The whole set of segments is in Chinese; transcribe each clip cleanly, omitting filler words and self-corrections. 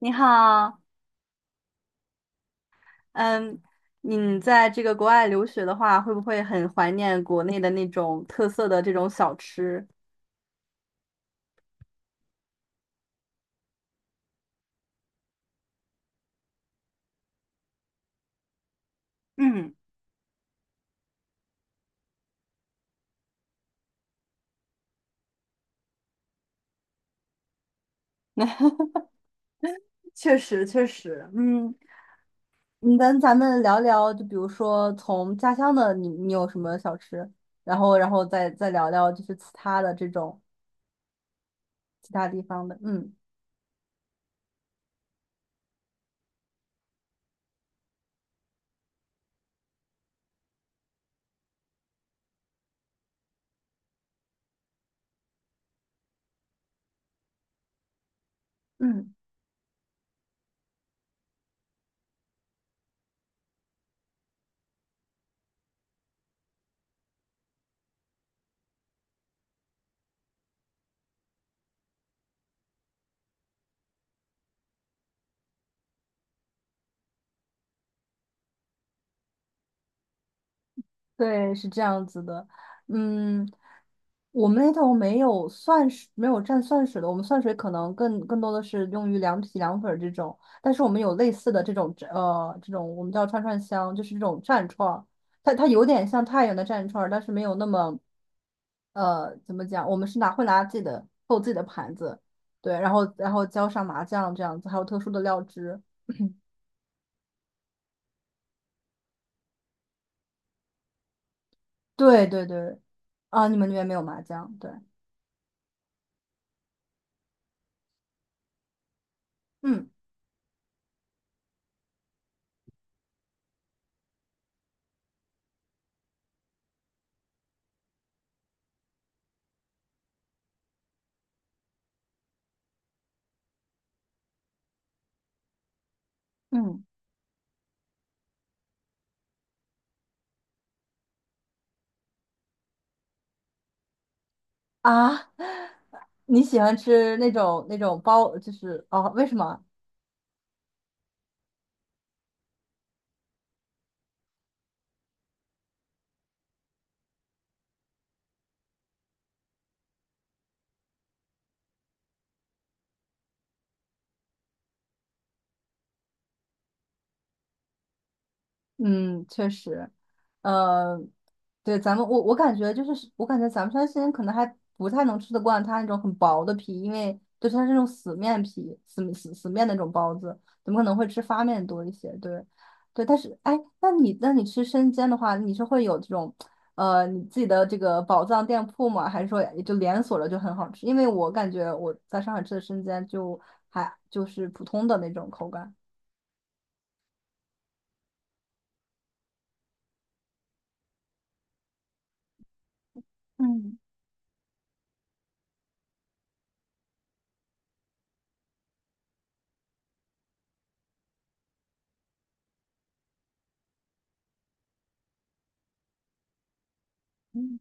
你好，嗯，你在这个国外留学的话，会不会很怀念国内的那种特色的这种小吃？嗯，确实确实，嗯，你跟咱们聊聊，就比如说从家乡的你，你有什么小吃，然后再聊聊就是其他的这种其他地方的，嗯。嗯。对，是这样子的。嗯，我们那头没有蒜水，没有蘸蒜水的。我们蒜水可能更多的是用于凉皮、凉粉儿这种，但是我们有类似的这种这种我们叫串串香，就是这种蘸串儿，它有点像太原的蘸串儿，但是没有那么怎么讲，我们是会拿自己的做自己的盘子，对，然后浇上麻酱这样子，还有特殊的料汁。对对对，啊，你们那边没有麻酱，对，嗯嗯。啊，你喜欢吃那种包，就是哦，为什么？嗯，确实，呃，对，咱们我感觉就是，我感觉咱们山西人可能还不太能吃得惯它那种很薄的皮，因为就是它是那种死面皮、死面那种包子，怎么可能会吃发面多一些。对，对，但是哎，那你吃生煎的话，你是会有这种你自己的这个宝藏店铺吗？还是说也就连锁了就很好吃？因为我感觉我在上海吃的生煎就还就是普通的那种口感。嗯。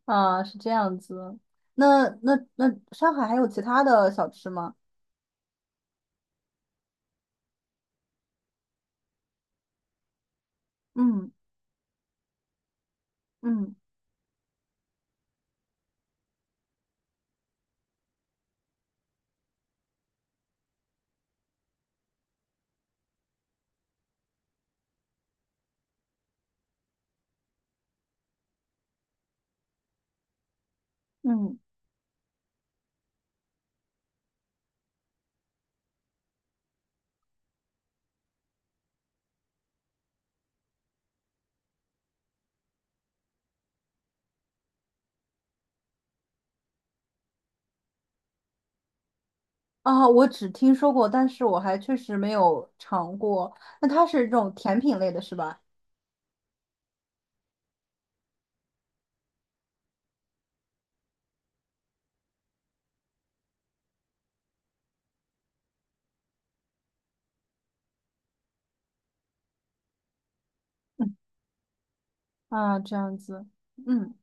啊，是这样子。那上海还有其他的小吃吗？嗯嗯嗯，啊，我只听说过，但是我还确实没有尝过。那它是这种甜品类的，是吧？嗯啊，这样子。嗯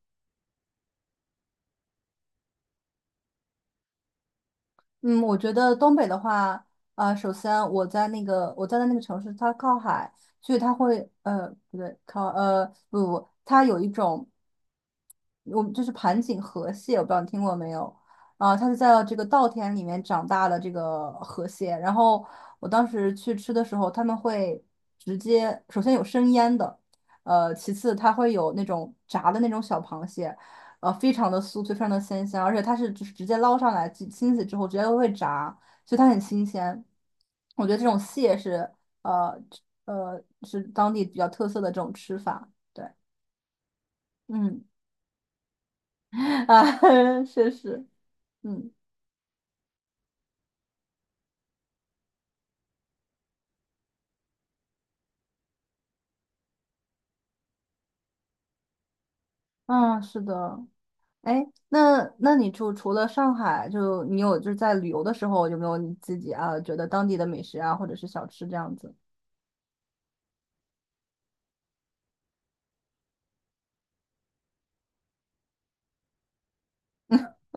嗯，我觉得东北的话，啊，首先我在的那个城市，它靠海，所以它会不对，靠不，它有一种我们就是盘锦河蟹，我不知道你听过没有？啊，它是在这个稻田里面长大的这个河蟹。然后我当时去吃的时候，他们会直接首先有生腌的，其次它会有那种炸的那种小螃蟹，非常的酥脆，非常的鲜香，而且它是就是直接捞上来，清洗之后直接会炸，所以它很新鲜。我觉得这种蟹是呃当地比较特色的这种吃法。对，嗯。啊，确实，嗯啊，是的。哎，那你就除了上海，就你有就是在旅游的时候，有没有你自己啊觉得当地的美食啊，或者是小吃这样子？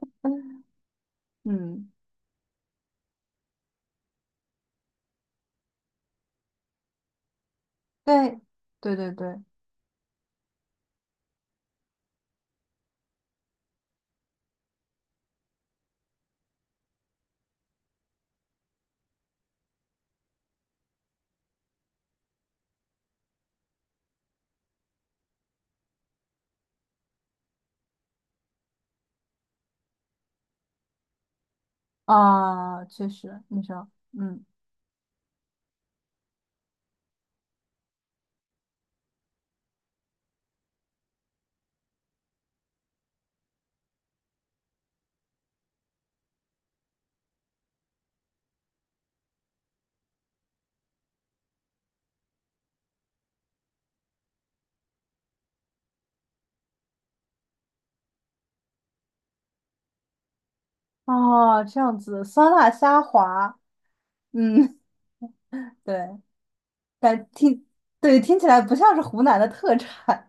嗯，对，对对对，啊，确实，你说，嗯，哦，这样子，酸辣虾滑，嗯，对，但听，对，听起来不像是湖南的特产，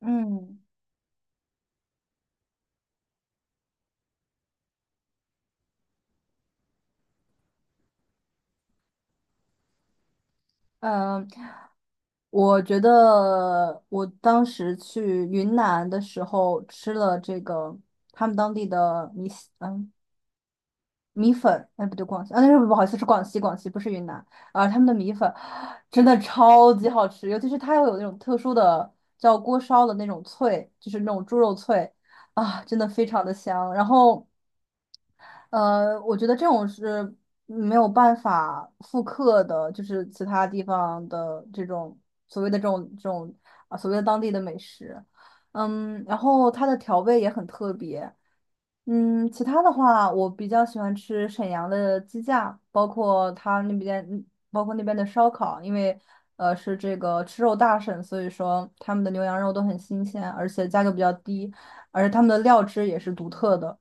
嗯。嗯，我觉得我当时去云南的时候吃了这个他们当地的米线嗯，米粉，哎，不对，广西，啊，那是不好意思，是广西，广西不是云南啊，他们的米粉真的超级好吃，尤其是它又有那种特殊的叫锅烧的那种脆，就是那种猪肉脆啊，真的非常的香。然后我觉得这种是没有办法复刻的，就是其他地方的这种所谓的这种啊，所谓的当地的美食。嗯，然后它的调味也很特别。嗯，其他的话，我比较喜欢吃沈阳的鸡架，包括它那边，包括那边的烧烤，因为是这个吃肉大省，所以说他们的牛羊肉都很新鲜，而且价格比较低，而且他们的料汁也是独特的。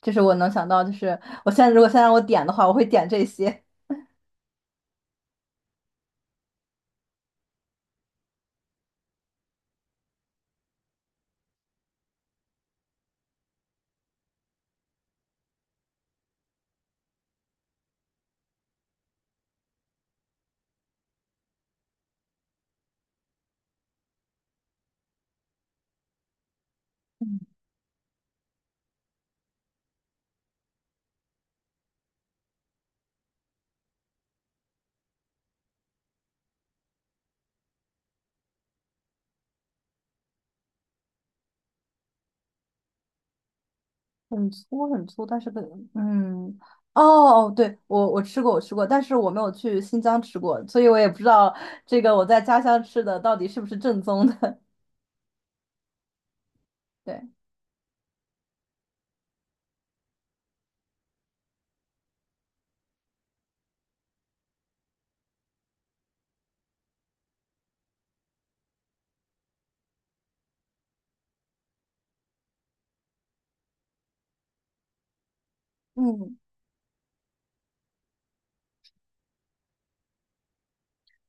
就是我能想到，就是我如果现在让我点的话，我会点这些很粗很粗，但是嗯哦哦，对我吃过我吃过，但是我没有去新疆吃过，所以我也不知道这个我在家乡吃的到底是不是正宗的。对，嗯，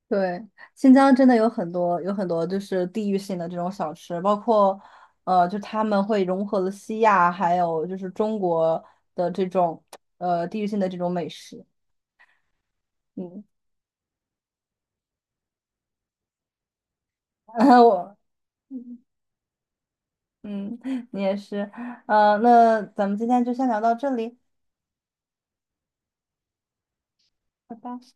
对，新疆真的有很多就是地域性的这种小吃，包括就他们会融合了西亚还有就是中国的这种地域性的这种美食。嗯，然后我。嗯，你也是，那咱们今天就先聊到这里，拜拜。